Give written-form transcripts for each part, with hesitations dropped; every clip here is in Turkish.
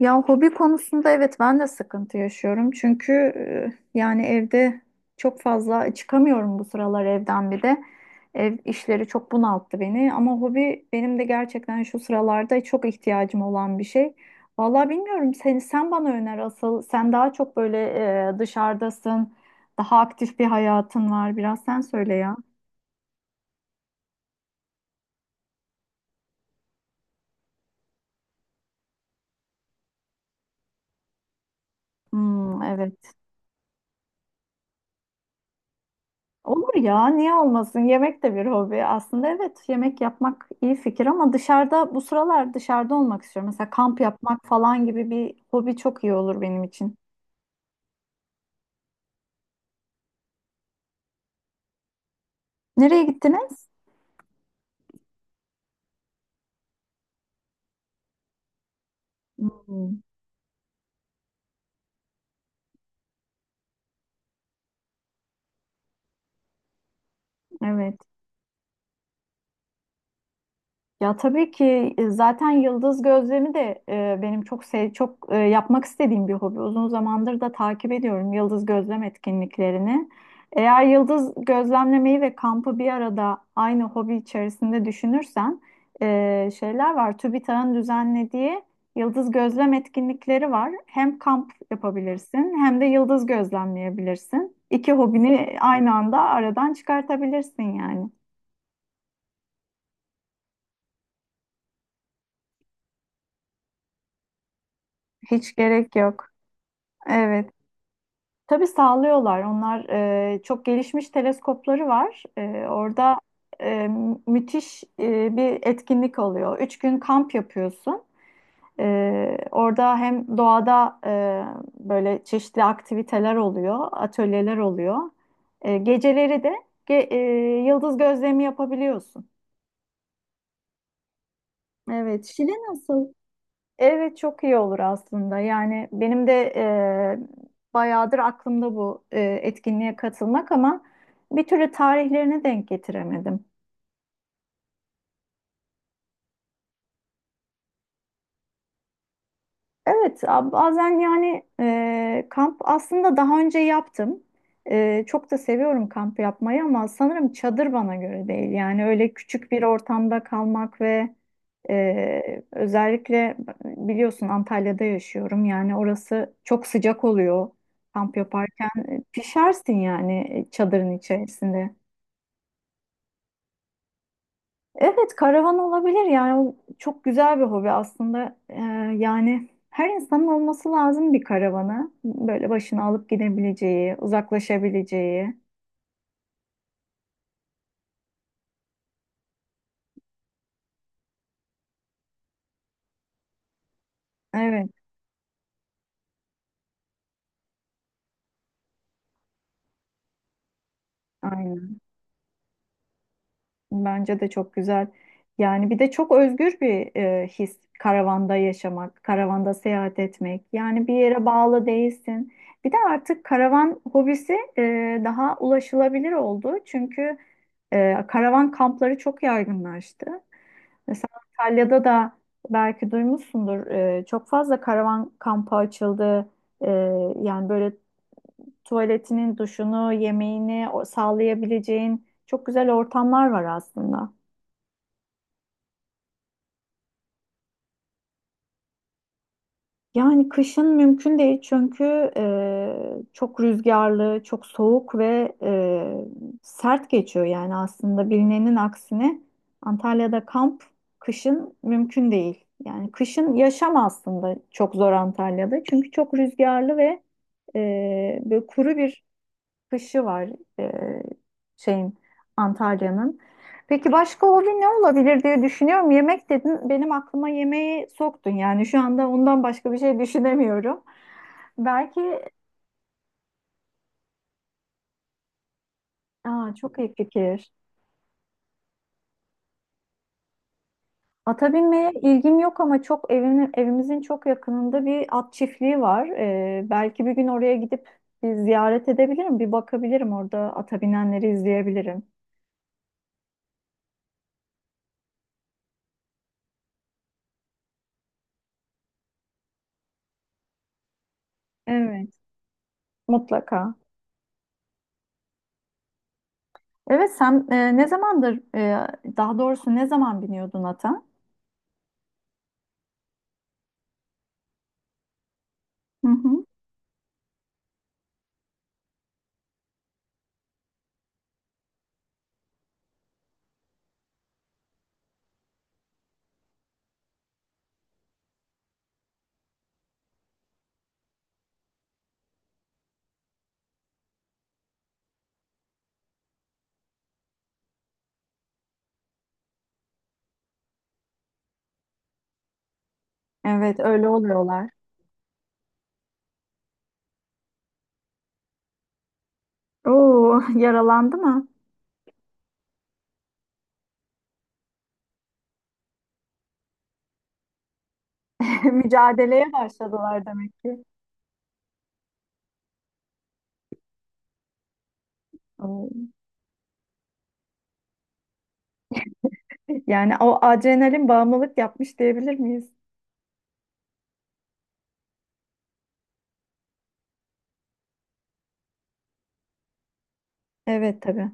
Ya hobi konusunda evet ben de sıkıntı yaşıyorum. Çünkü yani evde çok fazla çıkamıyorum bu sıralar evden bir de. Ev işleri çok bunalttı beni ama hobi benim de gerçekten şu sıralarda çok ihtiyacım olan bir şey. Vallahi bilmiyorum sen bana öner asıl. Sen daha çok böyle dışarıdasın. Daha aktif bir hayatın var. Biraz sen söyle ya. Hmm, evet. Olur ya, niye olmasın? Yemek de bir hobi. Aslında evet, yemek yapmak iyi fikir ama bu sıralar dışarıda olmak istiyorum. Mesela kamp yapmak falan gibi bir hobi çok iyi olur benim için. Nereye gittiniz? Hmm, evet. Ya tabii ki zaten yıldız gözlemi de benim çok yapmak istediğim bir hobi. Uzun zamandır da takip ediyorum yıldız gözlem etkinliklerini. Eğer yıldız gözlemlemeyi ve kampı bir arada aynı hobi içerisinde düşünürsen şeyler var. TÜBİTAK'ın düzenlediği yıldız gözlem etkinlikleri var. Hem kamp yapabilirsin hem de yıldız gözlemleyebilirsin. İki hobini aynı anda aradan çıkartabilirsin yani. Hiç gerek yok. Evet. Tabii sağlıyorlar. Onlar çok gelişmiş teleskopları var. Orada e, müthiş bir etkinlik oluyor. Üç gün kamp yapıyorsun. Orada hem doğada böyle çeşitli aktiviteler oluyor, atölyeler oluyor. Geceleri de ge- e, yıldız gözlemi yapabiliyorsun. Evet, Şile nasıl? Evet çok iyi olur aslında. Yani benim de bayağıdır aklımda bu etkinliğe katılmak ama bir türlü tarihlerine denk getiremedim. Evet, bazen yani kamp aslında daha önce yaptım. Çok da seviyorum kamp yapmayı ama sanırım çadır bana göre değil. Yani öyle küçük bir ortamda kalmak ve özellikle biliyorsun Antalya'da yaşıyorum. Yani orası çok sıcak oluyor kamp yaparken. Pişersin yani çadırın içerisinde. Evet, karavan olabilir yani o çok güzel bir hobi aslında. Yani her insanın olması lazım bir karavanı. Böyle başına alıp gidebileceği, uzaklaşabileceği. Evet, aynen. Bence de çok güzel. Yani bir de çok özgür bir his karavanda yaşamak, karavanda seyahat etmek. Yani bir yere bağlı değilsin. Bir de artık karavan hobisi daha ulaşılabilir oldu. Çünkü karavan kampları çok yaygınlaştı. Mesela Antalya'da da belki duymuşsundur. Çok fazla karavan kampı açıldı. E, Yani böyle tuvaletinin, duşunu, yemeğini sağlayabileceğin çok güzel ortamlar var aslında. Yani kışın mümkün değil çünkü çok rüzgarlı, çok soğuk ve sert geçiyor yani aslında bilinenin aksine Antalya'da kamp kışın mümkün değil. Yani kışın yaşam aslında çok zor Antalya'da çünkü çok rüzgarlı ve böyle kuru bir kışı var e, şeyin Antalya'nın. Peki başka hobi ne olabilir diye düşünüyorum. Yemek dedin, benim aklıma yemeği soktun. Yani şu anda ondan başka bir şey düşünemiyorum. Belki aa, çok iyi fikir. Ata binmeye ilgim yok ama çok evimin, evimizin çok yakınında bir at çiftliği var. Belki bir gün oraya gidip bir ziyaret edebilirim, bir bakabilirim orada ata binenleri izleyebilirim. Evet. Mutlaka. Evet sen ne zamandır daha doğrusu ne zaman biniyordun ata? Hı hı. Evet öyle oluyorlar. Oo yaralandı mı? Mücadeleye başladılar demek ki. Oo. Yani o adrenalin bağımlılık yapmış diyebilir miyiz? Evet tabii.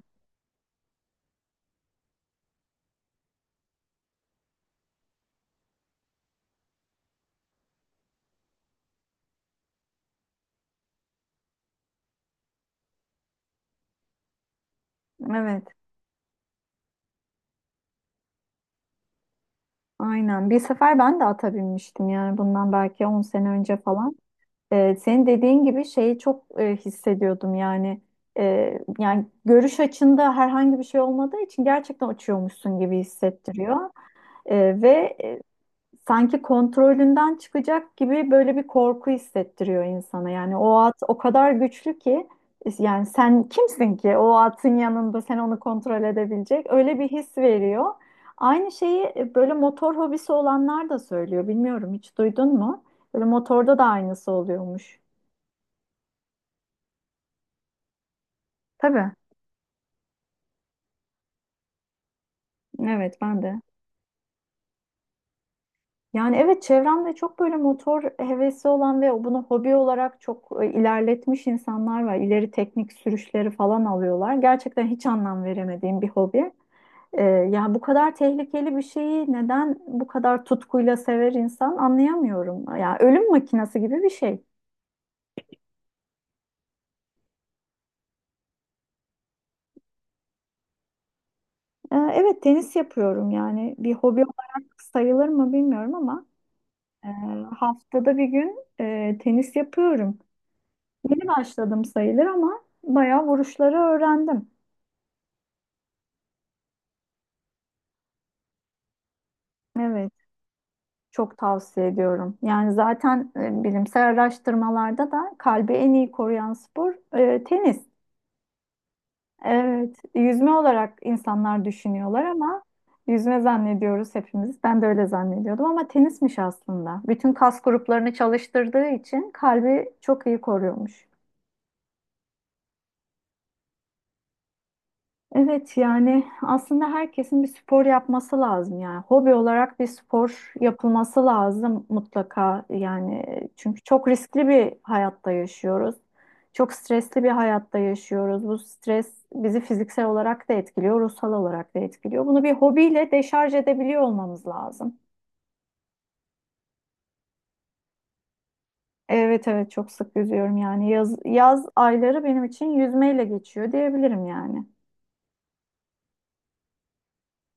Evet aynen. Bir sefer ben de ata binmiştim yani bundan belki 10 sene önce falan. Senin dediğin gibi şeyi çok hissediyordum yani. Yani görüş açında herhangi bir şey olmadığı için gerçekten uçuyormuşsun gibi hissettiriyor. Ee, ve e, Sanki kontrolünden çıkacak gibi böyle bir korku hissettiriyor insana yani o at o kadar güçlü ki yani sen kimsin ki o atın yanında sen onu kontrol edebilecek öyle bir his veriyor. Aynı şeyi böyle motor hobisi olanlar da söylüyor, bilmiyorum hiç duydun mu? Böyle motorda da aynısı oluyormuş. Tabii. Evet ben de. Yani evet çevremde çok böyle motor hevesi olan ve bunu hobi olarak çok ilerletmiş insanlar var. İleri teknik sürüşleri falan alıyorlar. Gerçekten hiç anlam veremediğim bir hobi. Ya bu kadar tehlikeli bir şeyi neden bu kadar tutkuyla sever insan anlayamıyorum. Ya ölüm makinesi gibi bir şey. Evet tenis yapıyorum, yani bir hobi olarak sayılır mı bilmiyorum ama e, haftada bir gün tenis yapıyorum. Yeni başladım sayılır ama bayağı vuruşları öğrendim. Evet, çok tavsiye ediyorum. Yani zaten bilimsel araştırmalarda da kalbi en iyi koruyan spor tenis. Evet, yüzme olarak insanlar düşünüyorlar ama yüzme zannediyoruz hepimiz. Ben de öyle zannediyordum ama tenismiş aslında. Bütün kas gruplarını çalıştırdığı için kalbi çok iyi koruyormuş. Evet yani aslında herkesin bir spor yapması lazım, yani hobi olarak bir spor yapılması lazım mutlaka yani çünkü çok riskli bir hayatta yaşıyoruz. Çok stresli bir hayatta yaşıyoruz. Bu stres bizi fiziksel olarak da etkiliyor, ruhsal olarak da etkiliyor. Bunu bir hobiyle deşarj edebiliyor olmamız lazım. Evet evet çok sık yüzüyorum yani yaz, yaz ayları benim için yüzmeyle geçiyor diyebilirim yani.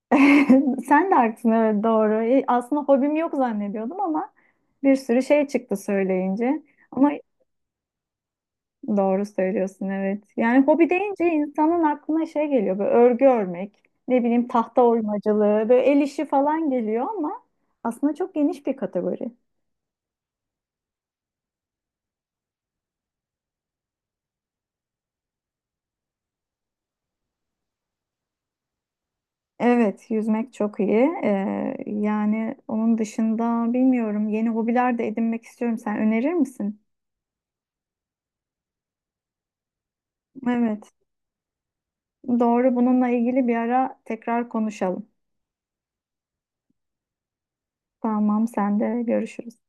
Sen de haklısın, evet doğru. Aslında hobim yok zannediyordum ama bir sürü şey çıktı söyleyince. Ama doğru söylüyorsun evet. Yani hobi deyince insanın aklına şey geliyor, böyle örgü örmek, ne bileyim tahta oymacılığı, böyle el işi falan geliyor ama aslında çok geniş bir kategori. Evet, yüzmek çok iyi. Yani onun dışında bilmiyorum, yeni hobiler de edinmek istiyorum. Sen önerir misin? Evet, doğru, bununla ilgili bir ara tekrar konuşalım. Tamam, sen de görüşürüz.